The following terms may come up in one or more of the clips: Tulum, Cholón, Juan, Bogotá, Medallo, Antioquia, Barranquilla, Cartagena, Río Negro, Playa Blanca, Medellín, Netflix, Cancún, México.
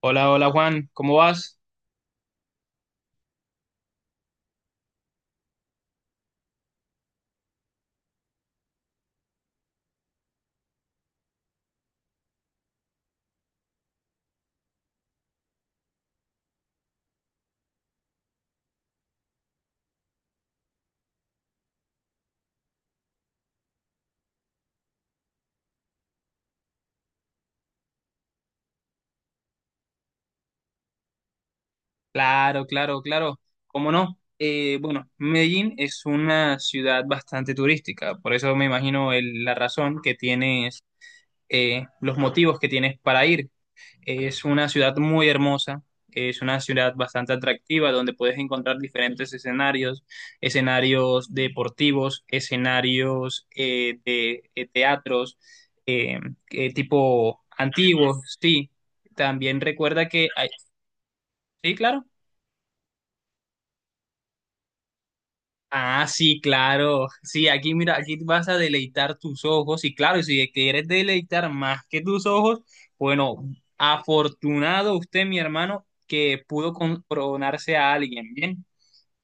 Hola, hola Juan, ¿cómo vas? Claro, claro, claro, ¿cómo no? Bueno, Medellín es una ciudad bastante turística, por eso me imagino la razón que tienes, los motivos que tienes para ir. Es una ciudad muy hermosa, es una ciudad bastante atractiva donde puedes encontrar diferentes escenarios, escenarios deportivos, escenarios de teatros, eh, tipo antiguos, sí. También recuerda que sí, claro. Ah, sí, claro. Sí, aquí mira, aquí vas a deleitar tus ojos. Y claro, si quieres deleitar más que tus ojos, bueno, afortunado usted, mi hermano, que pudo coronarse a alguien. Bien.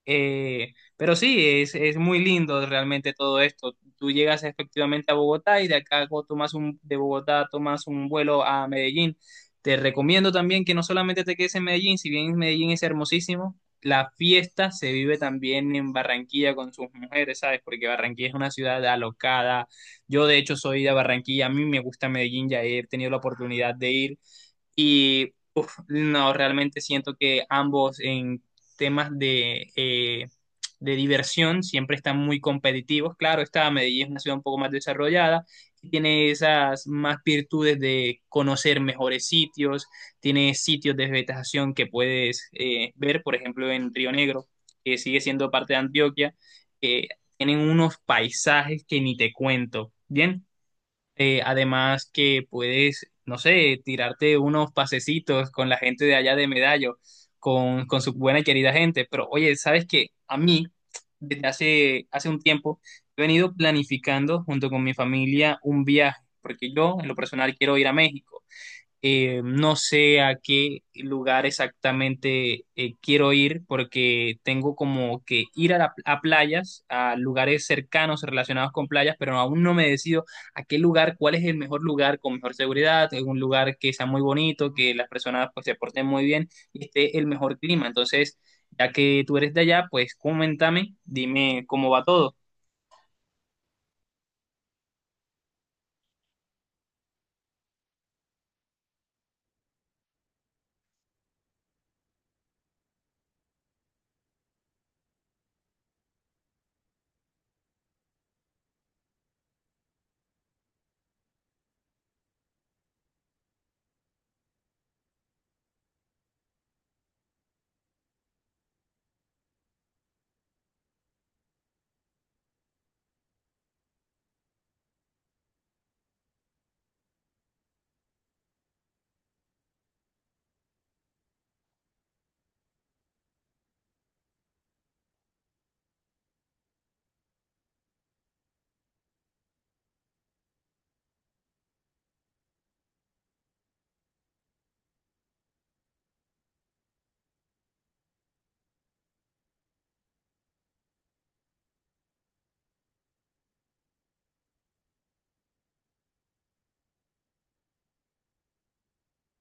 Pero sí, es muy lindo realmente todo esto. Tú llegas efectivamente a Bogotá y tomas de Bogotá tomas un vuelo a Medellín. Te recomiendo también que no solamente te quedes en Medellín, si bien Medellín es hermosísimo, la fiesta se vive también en Barranquilla con sus mujeres, ¿sabes? Porque Barranquilla es una ciudad alocada. Yo de hecho soy de Barranquilla, a mí me gusta Medellín, ya he tenido la oportunidad de ir. Y uf, no, realmente siento que ambos en temas de de diversión siempre están muy competitivos. Claro, está Medellín es una ciudad un poco más desarrollada, tiene esas más virtudes de conocer mejores sitios, tiene sitios de vegetación que puedes ver, por ejemplo, en Río Negro, que sigue siendo parte de Antioquia, que tienen unos paisajes que ni te cuento. Bien, además que puedes, no sé, tirarte unos pasecitos con la gente de allá de Medallo, con su buena y querida gente. Pero oye, ¿sabes qué? A mí, hace un tiempo, he venido planificando junto con mi familia un viaje, porque yo en lo personal quiero ir a México. No sé a qué lugar exactamente quiero ir porque tengo como que ir a, a playas, a lugares cercanos relacionados con playas, pero aún no me decido a qué lugar, cuál es el mejor lugar con mejor seguridad, es un lugar que sea muy bonito, que las personas pues, se porten muy bien y esté el mejor clima. Entonces, ya que tú eres de allá, pues coméntame, dime cómo va todo.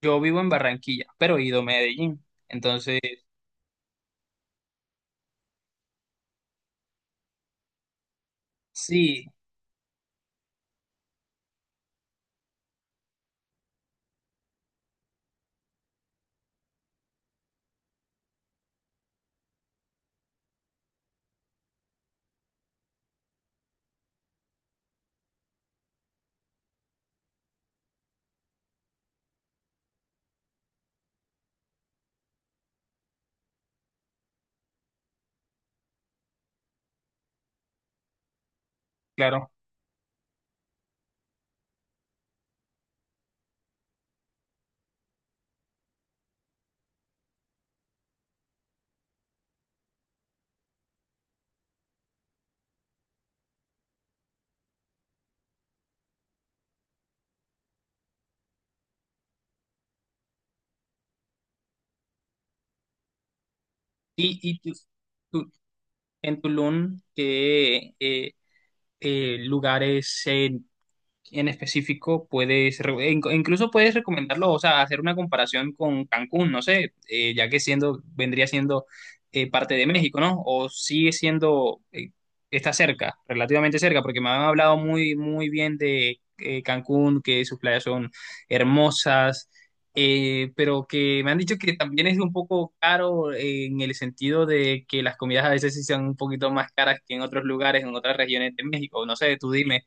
Yo vivo en Barranquilla, pero he ido a Medellín. Entonces, sí, claro. Y, y tú- tú- en Tulum qué lugares en específico incluso puedes recomendarlo, o sea, hacer una comparación con Cancún, no sé, ya que siendo, vendría siendo parte de México, ¿no? O sigue siendo, está cerca, relativamente cerca, porque me han hablado muy, muy bien de Cancún, que sus playas son hermosas. Pero que me han dicho que también es un poco caro en el sentido de que las comidas a veces sí son un poquito más caras que en otros lugares, en otras regiones de México. No sé, tú dime,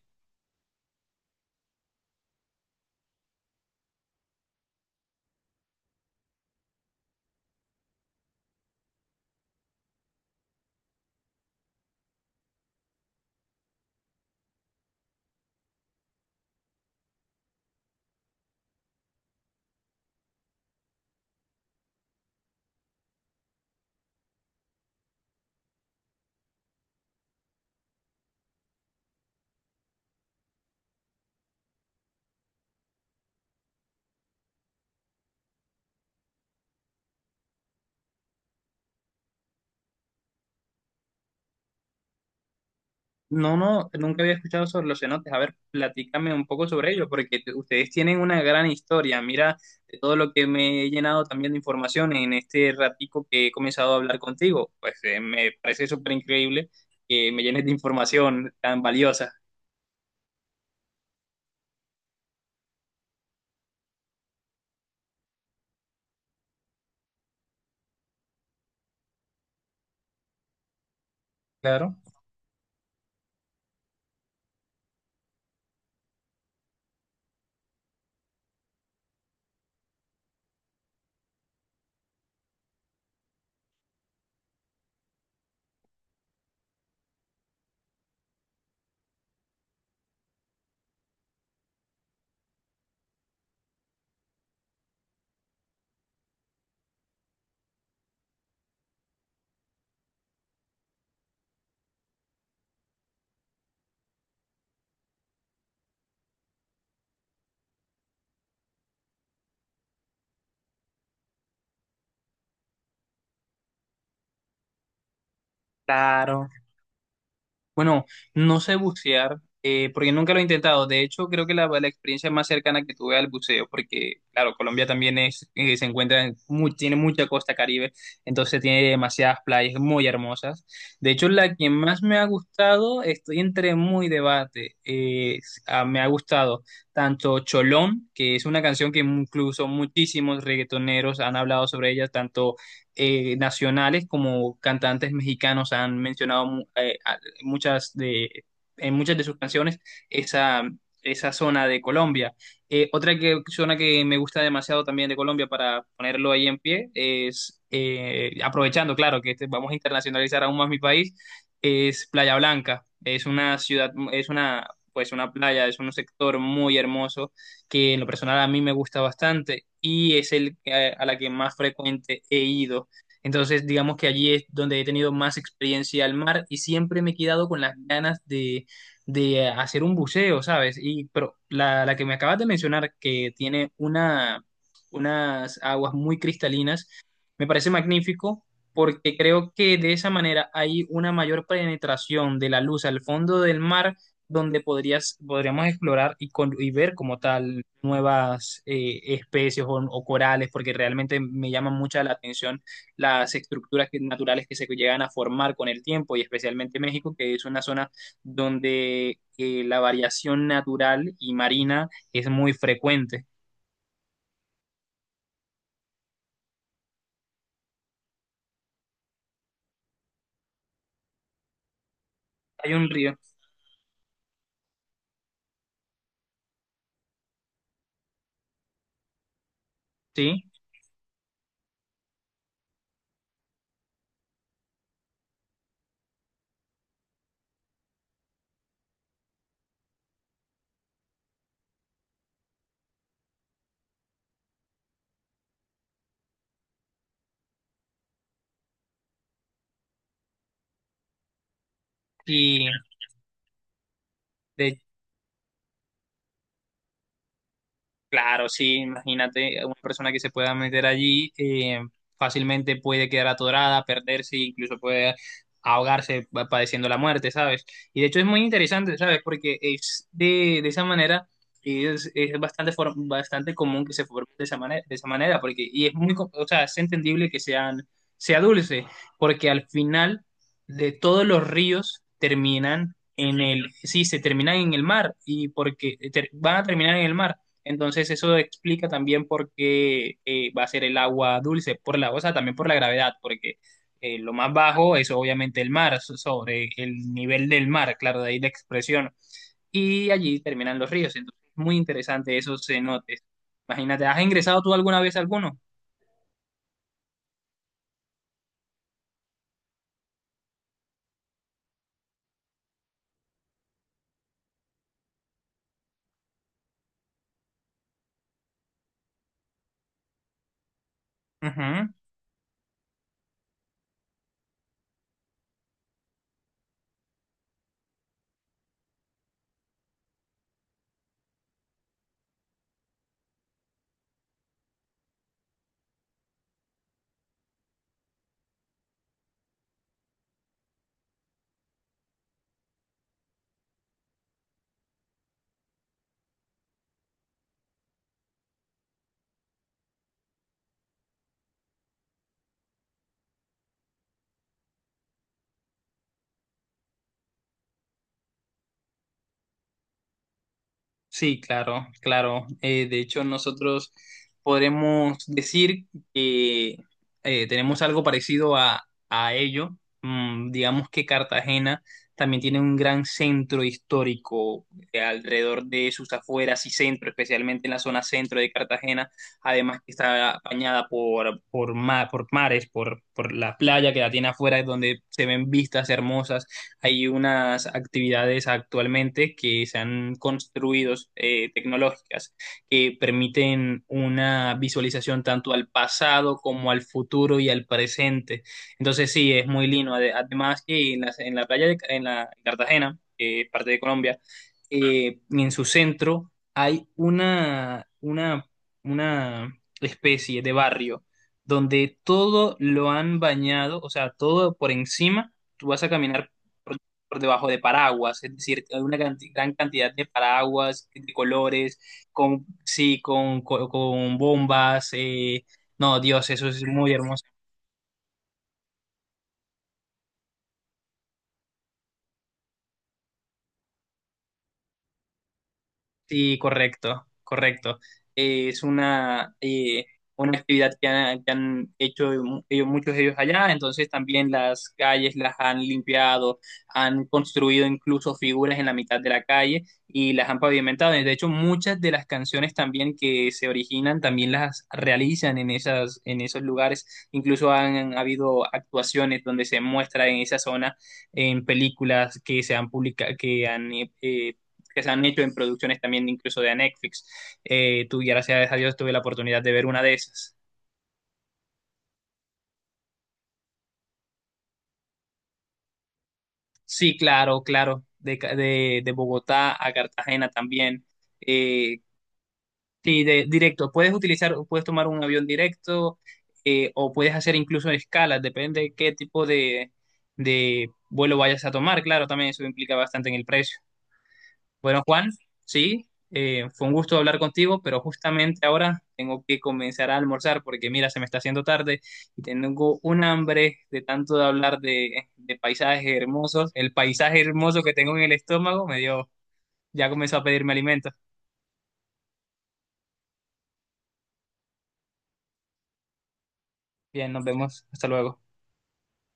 no, no, nunca había escuchado sobre los cenotes. A ver, platícame un poco sobre ello, porque ustedes tienen una gran historia. Mira, de todo lo que me he llenado también de información en este ratico que he comenzado a hablar contigo. Pues me parece súper increíble que me llenes de información tan valiosa. Claro. Claro. Bueno, no sé bucear, porque nunca lo he intentado. De hecho, creo que la experiencia más cercana que tuve al buceo, porque, claro, Colombia también es, se encuentra en tiene mucha costa Caribe, entonces tiene demasiadas playas muy hermosas. De hecho, la que más me ha gustado, estoy entre muy debate. Me ha gustado tanto Cholón, que es una canción que incluso muchísimos reggaetoneros han hablado sobre ella, tanto nacionales como cantantes mexicanos han mencionado muchas de, en muchas de sus canciones esa, esa zona de Colombia. Otra que, zona que me gusta demasiado también de Colombia para ponerlo ahí en pie es, aprovechando, claro, que vamos a internacionalizar aún más mi país, es Playa Blanca. Es una ciudad, es una, pues una playa, es un sector muy hermoso que en lo personal a mí me gusta bastante y es a la que más frecuente he ido entonces, digamos que allí es donde he tenido más experiencia al mar y siempre me he quedado con las ganas de hacer un buceo, ¿sabes? Y, pero la que me acabas de mencionar, que tiene una, unas aguas muy cristalinas, me parece magnífico porque creo que de esa manera hay una mayor penetración de la luz al fondo del mar donde podrías, podríamos explorar y, y ver como tal nuevas especies o corales, porque realmente me llama mucha la atención las estructuras naturales que se llegan a formar con el tiempo y especialmente México, que es una zona donde la variación natural y marina es muy frecuente. Hay un río, ¿sí? Y de claro, sí, imagínate una persona que se pueda meter allí fácilmente puede quedar atorada, perderse, incluso puede ahogarse padeciendo la muerte, ¿sabes? Y de hecho es muy interesante, ¿sabes? Porque es de esa manera y es bastante bastante común que se forme de esa manera, porque y es muy, o sea, es entendible que sea dulce, porque al final de todos los ríos terminan en el, sí, se terminan en el mar y porque van a terminar en el mar entonces eso explica también por qué va a ser el agua dulce, por la, o sea, también por la gravedad, porque lo más bajo es obviamente el mar, sobre el nivel del mar, claro, de ahí la expresión. Y allí terminan los ríos. Entonces, muy interesante esos cenotes. Imagínate, ¿has ingresado tú alguna vez a alguno? Ujú. Sí, claro, claro. De hecho, nosotros podremos decir que tenemos algo parecido a ello. Mm, digamos que Cartagena también tiene un gran centro histórico alrededor de sus afueras y centro, especialmente en la zona centro de Cartagena, además que está bañada por, por mares, por la playa que la tiene afuera, donde se ven vistas hermosas hay unas actividades actualmente que se han construido tecnológicas que permiten una visualización tanto al pasado como al futuro y al presente. Entonces sí, es muy lindo. Además que en la playa en la en Cartagena, que es parte de Colombia, en su centro hay una especie de barrio donde todo lo han bañado, o sea, todo por encima. Tú vas a caminar por, por debajo de paraguas, es decir, hay una gran cantidad de paraguas de colores, con, sí, con bombas. No, Dios, eso es muy hermoso. Sí, correcto, correcto. Es una actividad que han hecho muchos de ellos allá, entonces también las calles las han limpiado, han construido incluso figuras en la mitad de la calle y las han pavimentado. De hecho, muchas de las canciones también que se originan también las realizan en esas, en esos lugares. Incluso han habido actuaciones donde se muestra en esa zona en películas que se han publicado, que han que se han hecho en producciones también incluso de Netflix. Tú, gracias a Dios, tuve la oportunidad de ver una de esas. Sí, claro, claro, de Bogotá a Cartagena también. Eh, sí, directo, puedes utilizar, puedes tomar un avión directo o puedes hacer incluso escalas, depende de qué tipo de vuelo vayas a tomar, claro, también eso implica bastante en el precio. Bueno, Juan, sí, fue un gusto hablar contigo, pero justamente ahora tengo que comenzar a almorzar porque mira, se me está haciendo tarde y tengo un hambre de tanto de hablar de paisajes hermosos. El paisaje hermoso que tengo en el estómago me dio, ya comenzó a pedirme alimentos. Bien, nos vemos. Hasta luego.